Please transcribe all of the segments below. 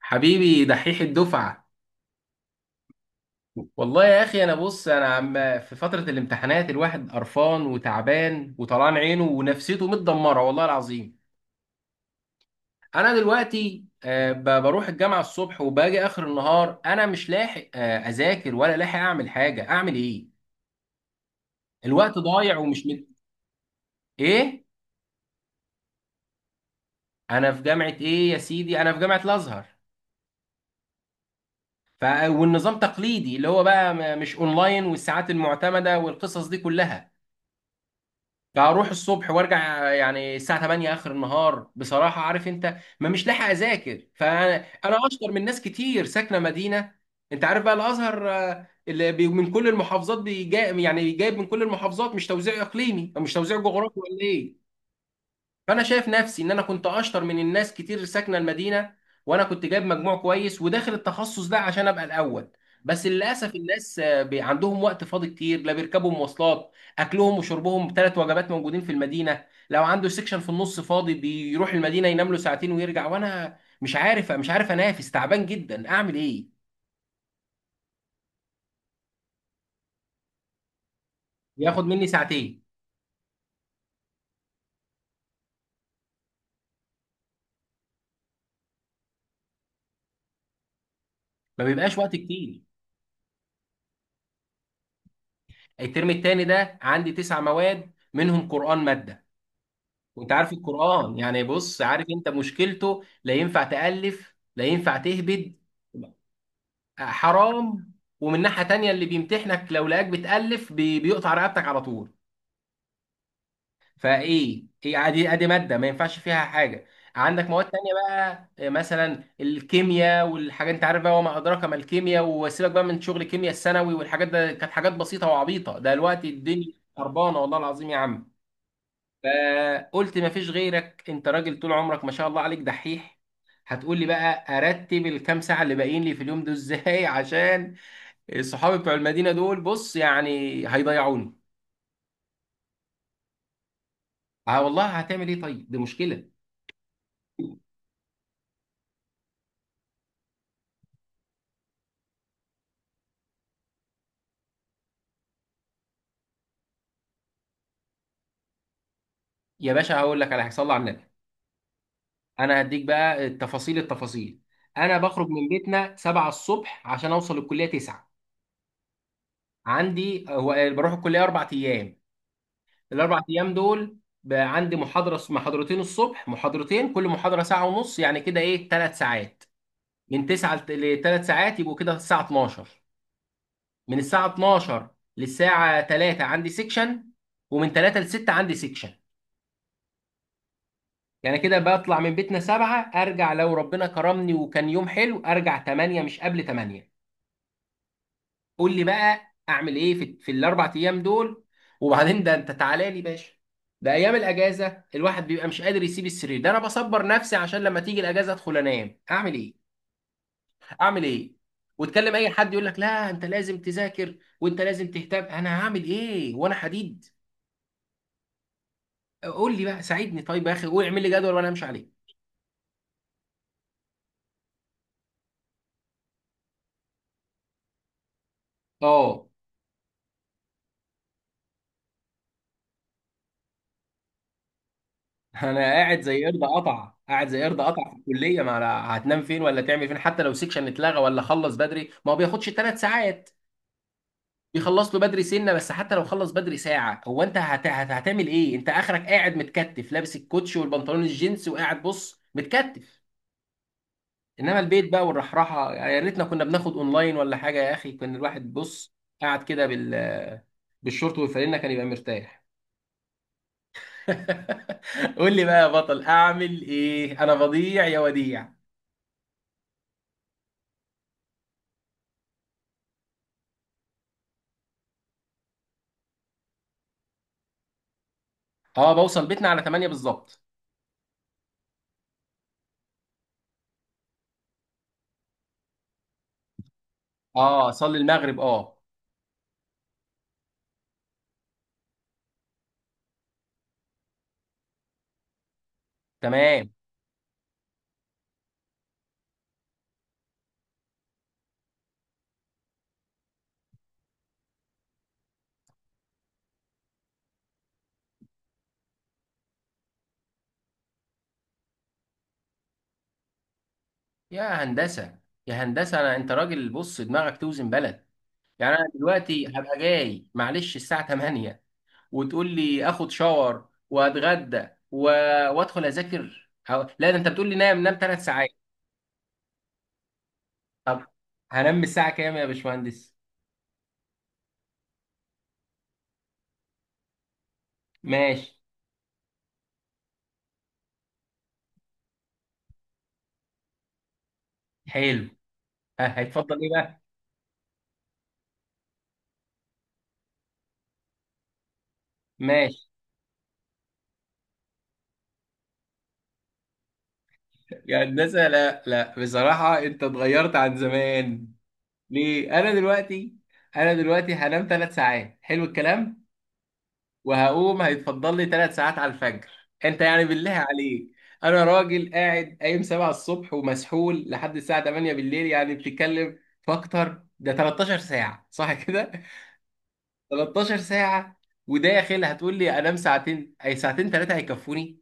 حبيبي دحيح الدفعة. والله يا أخي، أنا بص أنا عم في فترة الامتحانات الواحد قرفان وتعبان وطلعان عينه ونفسيته متدمرة، والله العظيم. أنا دلوقتي بروح الجامعة الصبح وباجي آخر النهار، أنا مش لاحق أذاكر ولا لاحق أعمل حاجة، أعمل إيه؟ الوقت ضايع إيه؟ أنا في جامعة إيه يا سيدي؟ أنا في جامعة الأزهر. والنظام تقليدي اللي هو بقى مش أونلاين، والساعات المعتمدة والقصص دي كلها. لا، اروح الصبح وارجع يعني الساعه 8 اخر النهار. بصراحه عارف انت ما مش لاحق اذاكر، فانا انا اشطر من ناس كتير ساكنه مدينه. انت عارف بقى الازهر، آه، اللي بي- من كل المحافظات بيجا، يعني جايب من كل المحافظات، مش توزيع اقليمي او مش توزيع جغرافي ولا ايه. فانا شايف نفسي ان انا كنت اشطر من الناس كتير ساكنه المدينه، وانا كنت جايب مجموع كويس وداخل التخصص ده عشان ابقى الاول. بس للاسف الناس عندهم وقت فاضي كتير، لا بيركبوا مواصلات، اكلهم وشربهم ثلاث وجبات موجودين في المدينه، لو عنده سكشن في النص فاضي بيروح المدينه ينام له ساعتين ويرجع. وانا مش عارف انافس، تعبان جدا، اعمل ايه؟ ياخد مني ساعتين. ما بيبقاش وقت كتير. الترم التاني ده عندي تسع مواد، منهم قرآن ماده. وانت عارف القرآن يعني، بص عارف انت مشكلته، لا ينفع تألف لا ينفع تهبد، حرام. ومن ناحية تانية اللي بيمتحنك لو لقاك بتألف بيقطع رقبتك على طول. فايه ايه، ادي ادي مادة ما ينفعش فيها حاجة. عندك مواد تانية بقى مثلا الكيمياء والحاجات، انت عارف بقى وما ادراك ما الكيمياء، وسيبك بقى من شغل الكيمياء الثانوي والحاجات، ده كانت حاجات بسيطة وعبيطة، ده دلوقتي الدنيا خربانة والله العظيم يا عم. فقلت مفيش غيرك، انت راجل طول عمرك ما شاء الله عليك دحيح. هتقول لي بقى ارتب الكام ساعه اللي باقيين لي في اليوم دول ازاي عشان الصحابي بتوع المدينه دول بص يعني هيضيعوني. اه والله، هتعمل ايه؟ طيب دي مشكله. يا باشا هقول لك على هيصلي على النبي. انا هديك بقى التفاصيل التفاصيل. انا بخرج من بيتنا 7 الصبح عشان اوصل الكليه 9. عندي هو بروح الكليه اربع ايام. الاربع ايام دول بقى عندي محاضره محاضرتين الصبح، محاضرتين كل محاضره ساعه ونص، يعني كده ايه، ثلاث ساعات. من 9 ل 3 ساعات يبقوا كده الساعه 12. من الساعه 12 للساعه 3 عندي سيكشن، ومن 3 ل 6 عندي سيكشن. يعني كده بطلع من بيتنا 7، ارجع لو ربنا كرمني وكان يوم حلو ارجع 8، مش قبل 8. قول لي بقى اعمل ايه في الاربع ايام دول. وبعدين ده انت تعالى لي باشا، ده ايام الاجازه الواحد بيبقى مش قادر يسيب السرير، ده انا بصبر نفسي عشان لما تيجي الاجازه ادخل انام، اعمل ايه؟ اعمل ايه؟ وتكلم اي حد يقول لك لا انت لازم تذاكر وانت لازم تهتم، انا هعمل ايه وانا حديد. قول لي بقى ساعدني طيب يا اخي، قول اعمل لي جدول وانا امشي عليه. اه انا قاعد زي قرد قطع، قاعد زي قرد قطع في الكليه، ما أنا هتنام فين ولا تعمل فين؟ حتى لو سيكشن اتلغى ولا خلص بدري، ما هو بياخدش ثلاث ساعات، بيخلص له بدري سنه. بس حتى لو خلص بدري ساعه، هو انت هتعمل ايه؟ انت اخرك قاعد متكتف، لابس الكوتش والبنطلون الجينز وقاعد بص متكتف. انما البيت بقى والرحراحه، يعني يا ريتنا كنا بناخد اونلاين ولا حاجه يا اخي، كان الواحد بص قاعد كده بالشورت والفانلة كان يبقى مرتاح. قول لي بقى يا بطل اعمل ايه، انا بضيع يا وديع. اه بوصل بيتنا على 8 بالظبط. اه اصلي المغرب، اه. تمام. يا هندسه، يا هندسه، انا انت راجل بص دماغك توزن بلد. يعني انا دلوقتي هبقى جاي معلش الساعه 8، وتقول لي اخد شاور واتغدى وادخل اذاكر لا ده انت بتقول لي نام، نام 3 ساعات. طب هنام الساعه كام يا باشمهندس؟ ماشي. حلو، ها هيتفضل ايه بقى. ماشي. يا هندسه لا لا، بصراحه انت اتغيرت عن زمان. ليه؟ انا دلوقتي هنام 3 ساعات، حلو الكلام. وهقوم هيتفضل لي ثلاث ساعات على الفجر. انت يعني بالله عليك، انا راجل قاعد قايم 7 الصبح ومسحول لحد الساعه 8 بالليل، يعني بتتكلم في اكتر، ده 13 ساعه صح كده؟ 13 ساعه. وداخل هتقول لي انام ساعتين، اي ساعتين ثلاثه هيكفوني؟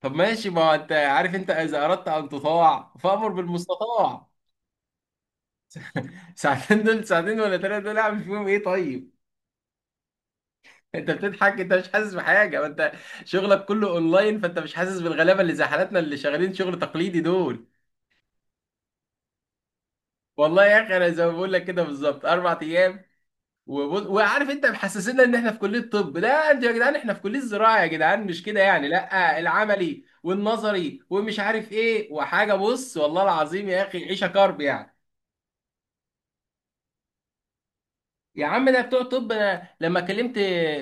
طب ماشي، ما هو انت عارف، انت اذا اردت ان تطاع فامر بالمستطاع. ساعتين دول، ساعتين ولا ثلاثه دول اعمل فيهم ايه طيب؟ انت بتضحك، انت مش حاسس بحاجه، ما انت شغلك كله اونلاين، فانت مش حاسس بالغلابه اللي زي حالاتنا اللي شغالين شغل تقليدي دول. والله يا اخي انا زي ما بقول لك كده بالظبط، اربع ايام. وبص، وعارف انت محسسنا ان احنا في كليه طب. لا انتوا يا جدعان، احنا في كليه زراعه يا جدعان، مش كده يعني، لا العملي والنظري ومش عارف ايه وحاجه، بص والله العظيم يا اخي عيشه كرب يعني. يا عم ده بتوع طب، أنا لما كلمت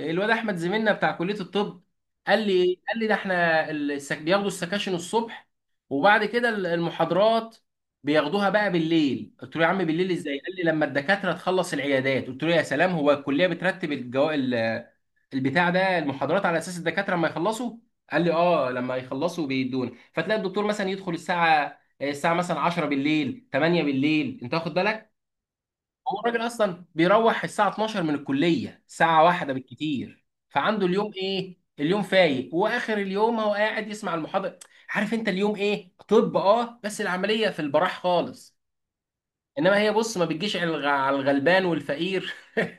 الواد احمد زميلنا بتاع كليه الطب قال لي ايه، قال لي ده احنا بياخدوا السكاشن الصبح، وبعد كده المحاضرات بياخدوها بقى بالليل. قلت له يا عم بالليل ازاي؟ قال لي لما الدكاتره تخلص العيادات. قلت له يا سلام، هو الكليه بترتب البتاع ده المحاضرات على اساس الدكاتره لما يخلصوا؟ قال لي اه، لما يخلصوا بيدون، فتلاقي الدكتور مثلا يدخل الساعه مثلا 10 بالليل، 8 بالليل، انت واخد بالك. هو الراجل اصلا بيروح الساعه 12 من الكليه، ساعه واحده بالكتير، فعنده اليوم ايه، اليوم فايق، واخر اليوم هو قاعد يسمع المحاضره. عارف انت اليوم ايه؟ طب اه بس العمليه في البراح خالص. انما هي بص ما بتجيش على على الغلبان والفقير.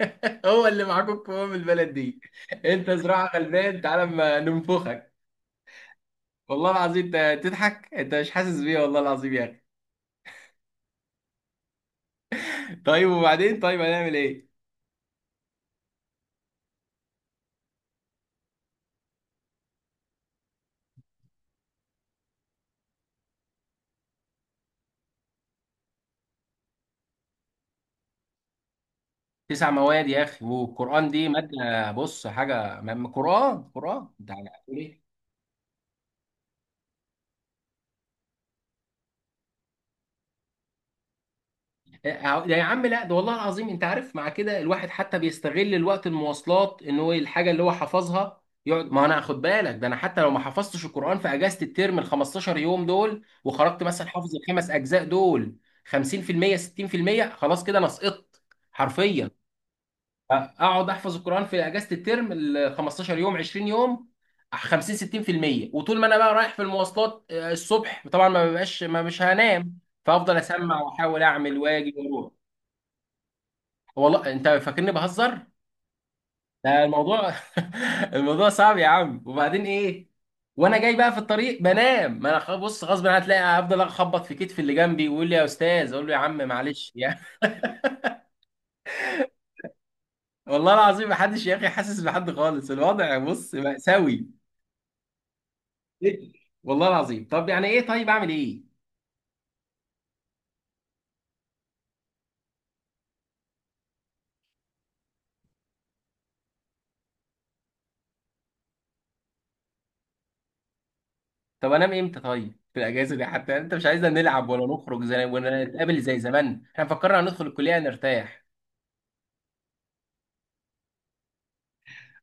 هو اللي معاكم قوام البلد دي، انت زراعه غلبان تعالى ما ننفخك. والله العظيم انت تضحك، انت مش حاسس بيه، والله العظيم يا اخي. طيب وبعدين، طيب هنعمل ايه؟ تسع مواد يا اخي، والقران دي ماده بص حاجه، قران قران، انت هتقول ايه؟ أه، آه، ده يا عم لا، ده والله العظيم انت عارف مع كده الواحد حتى بيستغل الوقت المواصلات، ان هو الحاجه اللي هو حفظها يقعد، ما انا خد بالك، ده انا حتى لو ما حفظتش القران في اجازه الترم ال 15 يوم دول، وخرجت مثلا حافظ الخمس اجزاء دول 50% 60%، خلاص كده انا سقطت حرفيا. اقعد احفظ القران في اجازه الترم ال 15 يوم 20 يوم 50 60%. وطول ما انا بقى رايح في المواصلات الصبح طبعا ما ببقاش، ما مش هنام، فافضل اسمع واحاول اعمل واجي واروح. والله انت فاكرني بهزر؟ ده الموضوع الموضوع صعب يا عم. وبعدين ايه، وانا جاي بقى في الطريق بنام، ما انا بص غصب عني، هتلاقي افضل اخبط في كتف اللي جنبي ويقول لي يا استاذ، اقول له يا عم معلش يعني. والله العظيم محدش يا اخي حاسس بحد خالص، الوضع بص مأساوي. إيه؟ والله العظيم، طب يعني ايه، طيب اعمل ايه؟ طب انام امتى طيب في الاجازه دي؟ حتى انت مش عايزنا نلعب ولا نخرج زي ولا نتقابل زي زمان، احنا فكرنا هندخل الكليه نرتاح.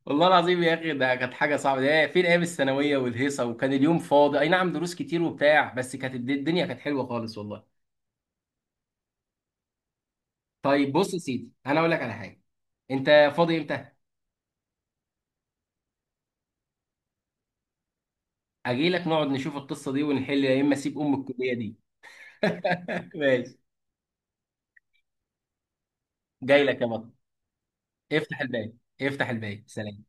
والله العظيم يا اخي ده كانت حاجه صعبه، ده فين ايام الثانويه والهيصه، وكان اليوم فاضي اي نعم دروس كتير وبتاع، بس كانت الدنيا كانت حلوه خالص والله. طيب بص يا سيدي انا اقول لك على حاجه، انت فاضي امتى؟ اجي لك نقعد نشوف القصه دي ونحل، يا اما اسيب ام الكليه دي. ماشي. جاي لك يا بطل. افتح الباب، افتح الباب، سلام.